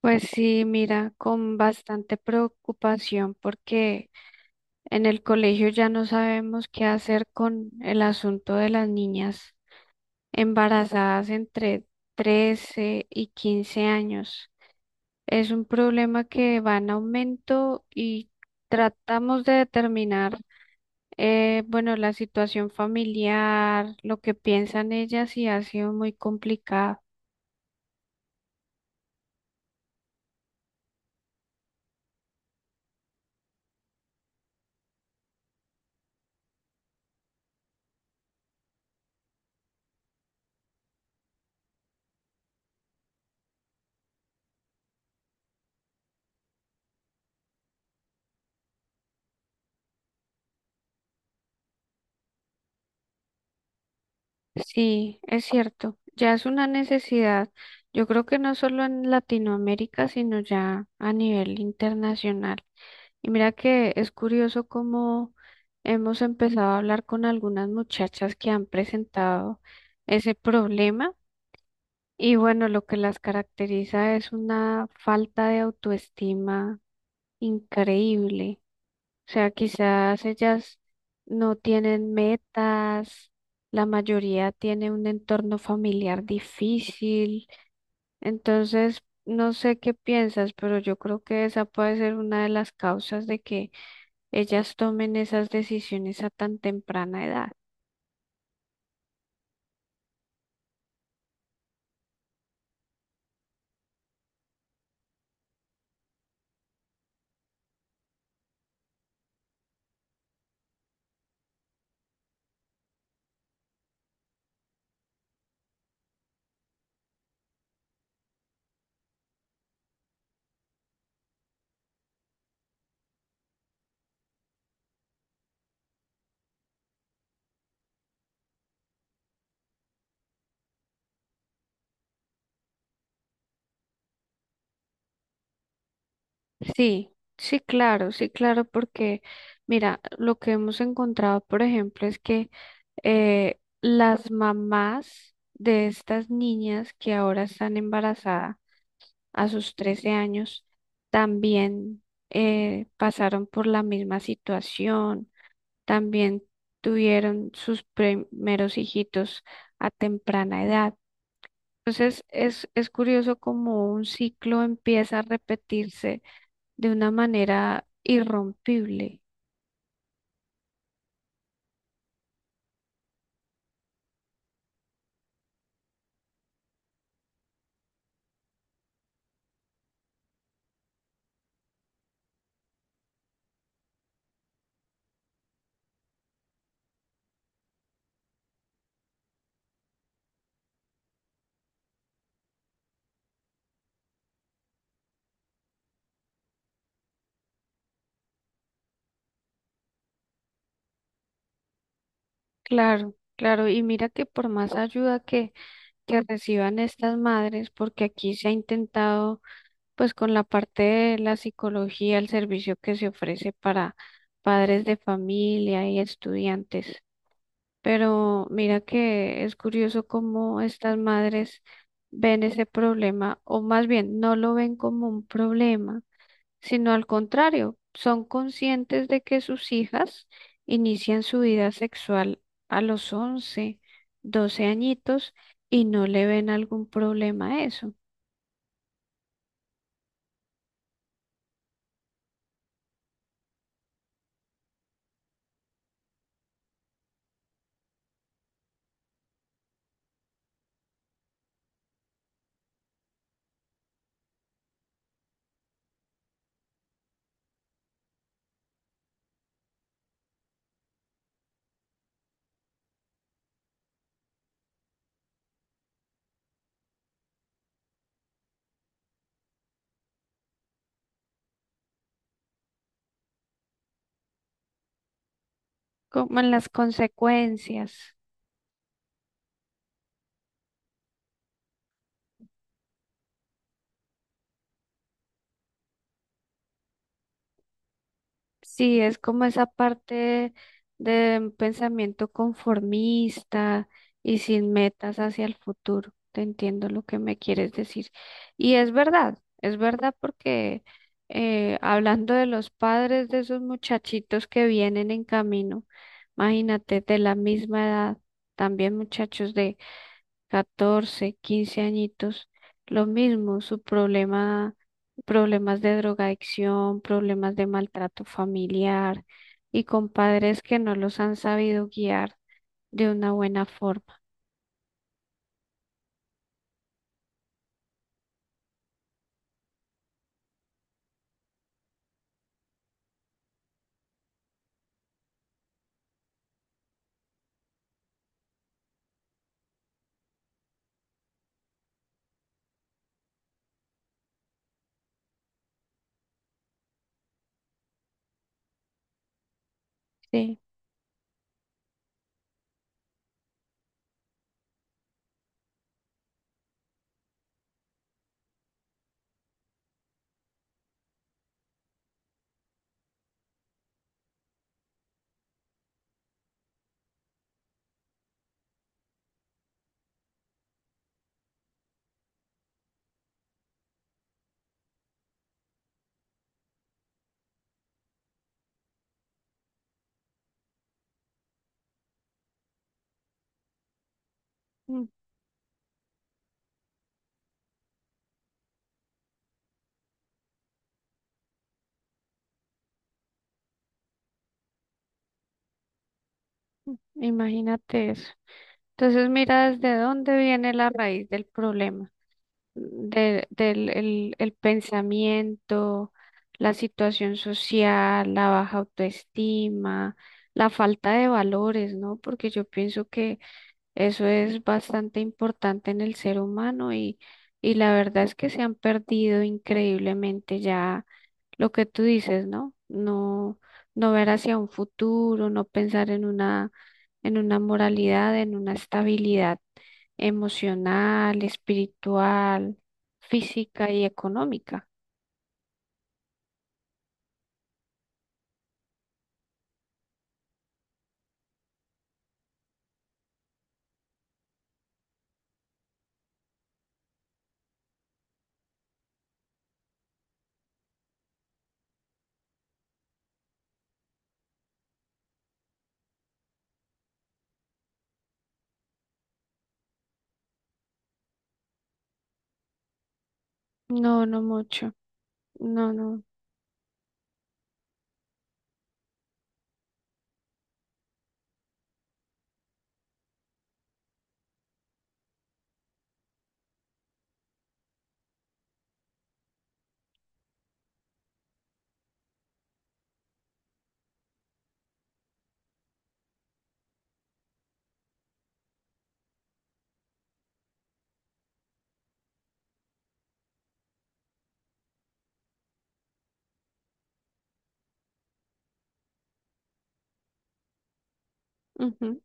Pues sí, mira, con bastante preocupación porque en el colegio ya no sabemos qué hacer con el asunto de las niñas embarazadas entre 13 y 15 años. Es un problema que va en aumento y tratamos de determinar, bueno, la situación familiar, lo que piensan ellas y ha sido muy complicado. Sí, es cierto, ya es una necesidad, yo creo que no solo en Latinoamérica, sino ya a nivel internacional. Y mira que es curioso cómo hemos empezado a hablar con algunas muchachas que han presentado ese problema y bueno, lo que las caracteriza es una falta de autoestima increíble. O sea, quizás ellas no tienen metas, la mayoría tiene un entorno familiar difícil, entonces no sé qué piensas, pero yo creo que esa puede ser una de las causas de que ellas tomen esas decisiones a tan temprana edad. Sí, sí, claro, sí, claro, porque mira, lo que hemos encontrado, por ejemplo, es que las mamás de estas niñas que ahora están embarazadas, a sus 13 años, también pasaron por la misma situación, también tuvieron sus primeros hijitos a temprana edad. Entonces es curioso como un ciclo empieza a repetirse de una manera irrompible. Claro, claro. Y mira que por más ayuda que reciban estas madres, porque aquí se ha intentado pues con la parte de la psicología, el servicio que se ofrece para padres de familia y estudiantes. Pero mira que es curioso cómo estas madres ven ese problema, o más bien no lo ven como un problema, sino al contrario, son conscientes de que sus hijas inician su vida sexual a los 11 12 añitos y no le ven algún problema a eso, como en las consecuencias. Sí, es como esa parte de un pensamiento conformista y sin metas hacia el futuro. Te entiendo lo que me quieres decir. Y es verdad porque hablando de los padres de esos muchachitos que vienen en camino, imagínate, de la misma edad, también muchachos de 14 15 añitos, lo mismo, su problema, problemas de drogadicción, problemas de maltrato familiar y con padres que no los han sabido guiar de una buena forma. Sí, mm, imagínate eso. Entonces mira desde dónde viene la raíz del problema. El pensamiento, la situación social, la baja autoestima, la falta de valores, ¿no? Porque yo pienso que eso es bastante importante en el ser humano y la verdad es que se han perdido increíblemente ya lo que tú dices, ¿no? No, no ver hacia un futuro, no pensar en una moralidad, en una estabilidad emocional, espiritual, física y económica. No, no mucho. No, no. Ujú.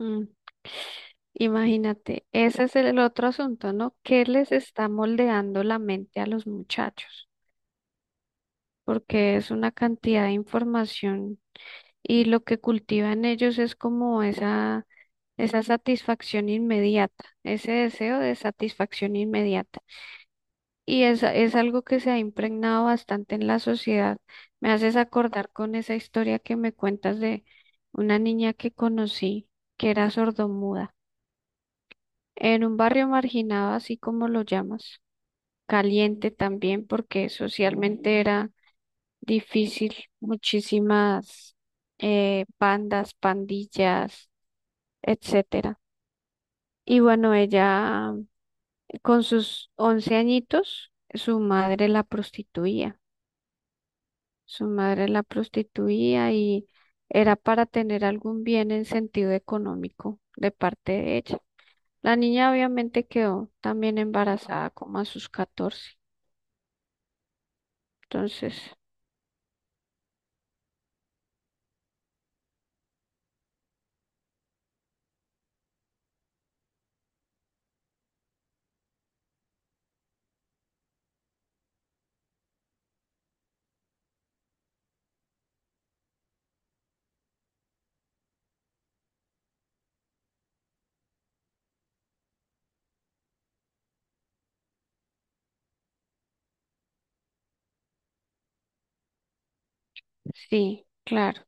Mm. Imagínate, ese es el otro asunto, ¿no? ¿Qué les está moldeando la mente a los muchachos? Porque es una cantidad de información y lo que cultiva en ellos es como esa satisfacción inmediata, ese deseo de satisfacción inmediata. Y es algo que se ha impregnado bastante en la sociedad. Me haces acordar con esa historia que me cuentas de una niña que conocí que era sordomuda en un barrio marginado, así como lo llamas, caliente también porque socialmente era difícil, muchísimas bandas, pandillas, etcétera. Y bueno, ella con sus 11 añitos, su madre la prostituía. Su madre la prostituía y era para tener algún bien en sentido económico de parte de ella. La niña obviamente quedó también embarazada como a sus 14. Entonces, sí, claro.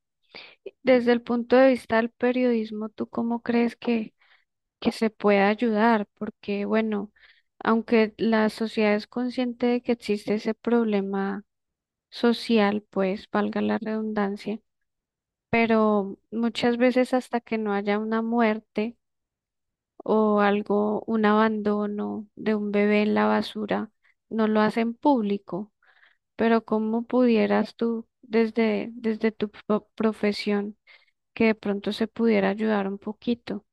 Desde el punto de vista del periodismo, ¿tú cómo crees que se puede ayudar? Porque, bueno, aunque la sociedad es consciente de que existe ese problema social, pues valga la redundancia, pero muchas veces hasta que no haya una muerte o algo, un abandono de un bebé en la basura, no lo hacen público. Pero ¿cómo pudieras tú, desde, desde profesión, que de pronto se pudiera ayudar un poquito?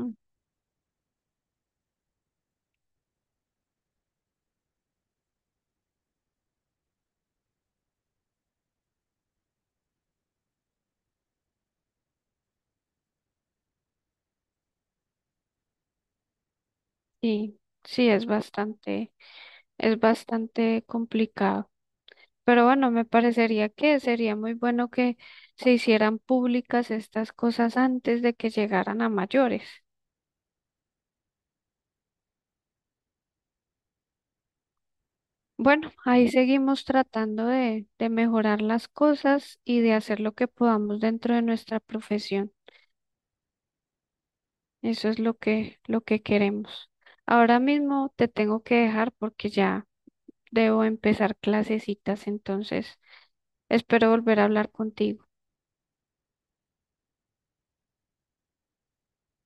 Mm. Sí, sí, es bastante complicado. Pero bueno, me parecería que sería muy bueno que se hicieran públicas estas cosas antes de que llegaran a mayores. Bueno, ahí seguimos tratando de mejorar las cosas y de hacer lo que podamos dentro de nuestra profesión. Eso es lo que queremos. Ahora mismo te tengo que dejar porque ya debo empezar clasecitas, entonces espero volver a hablar contigo.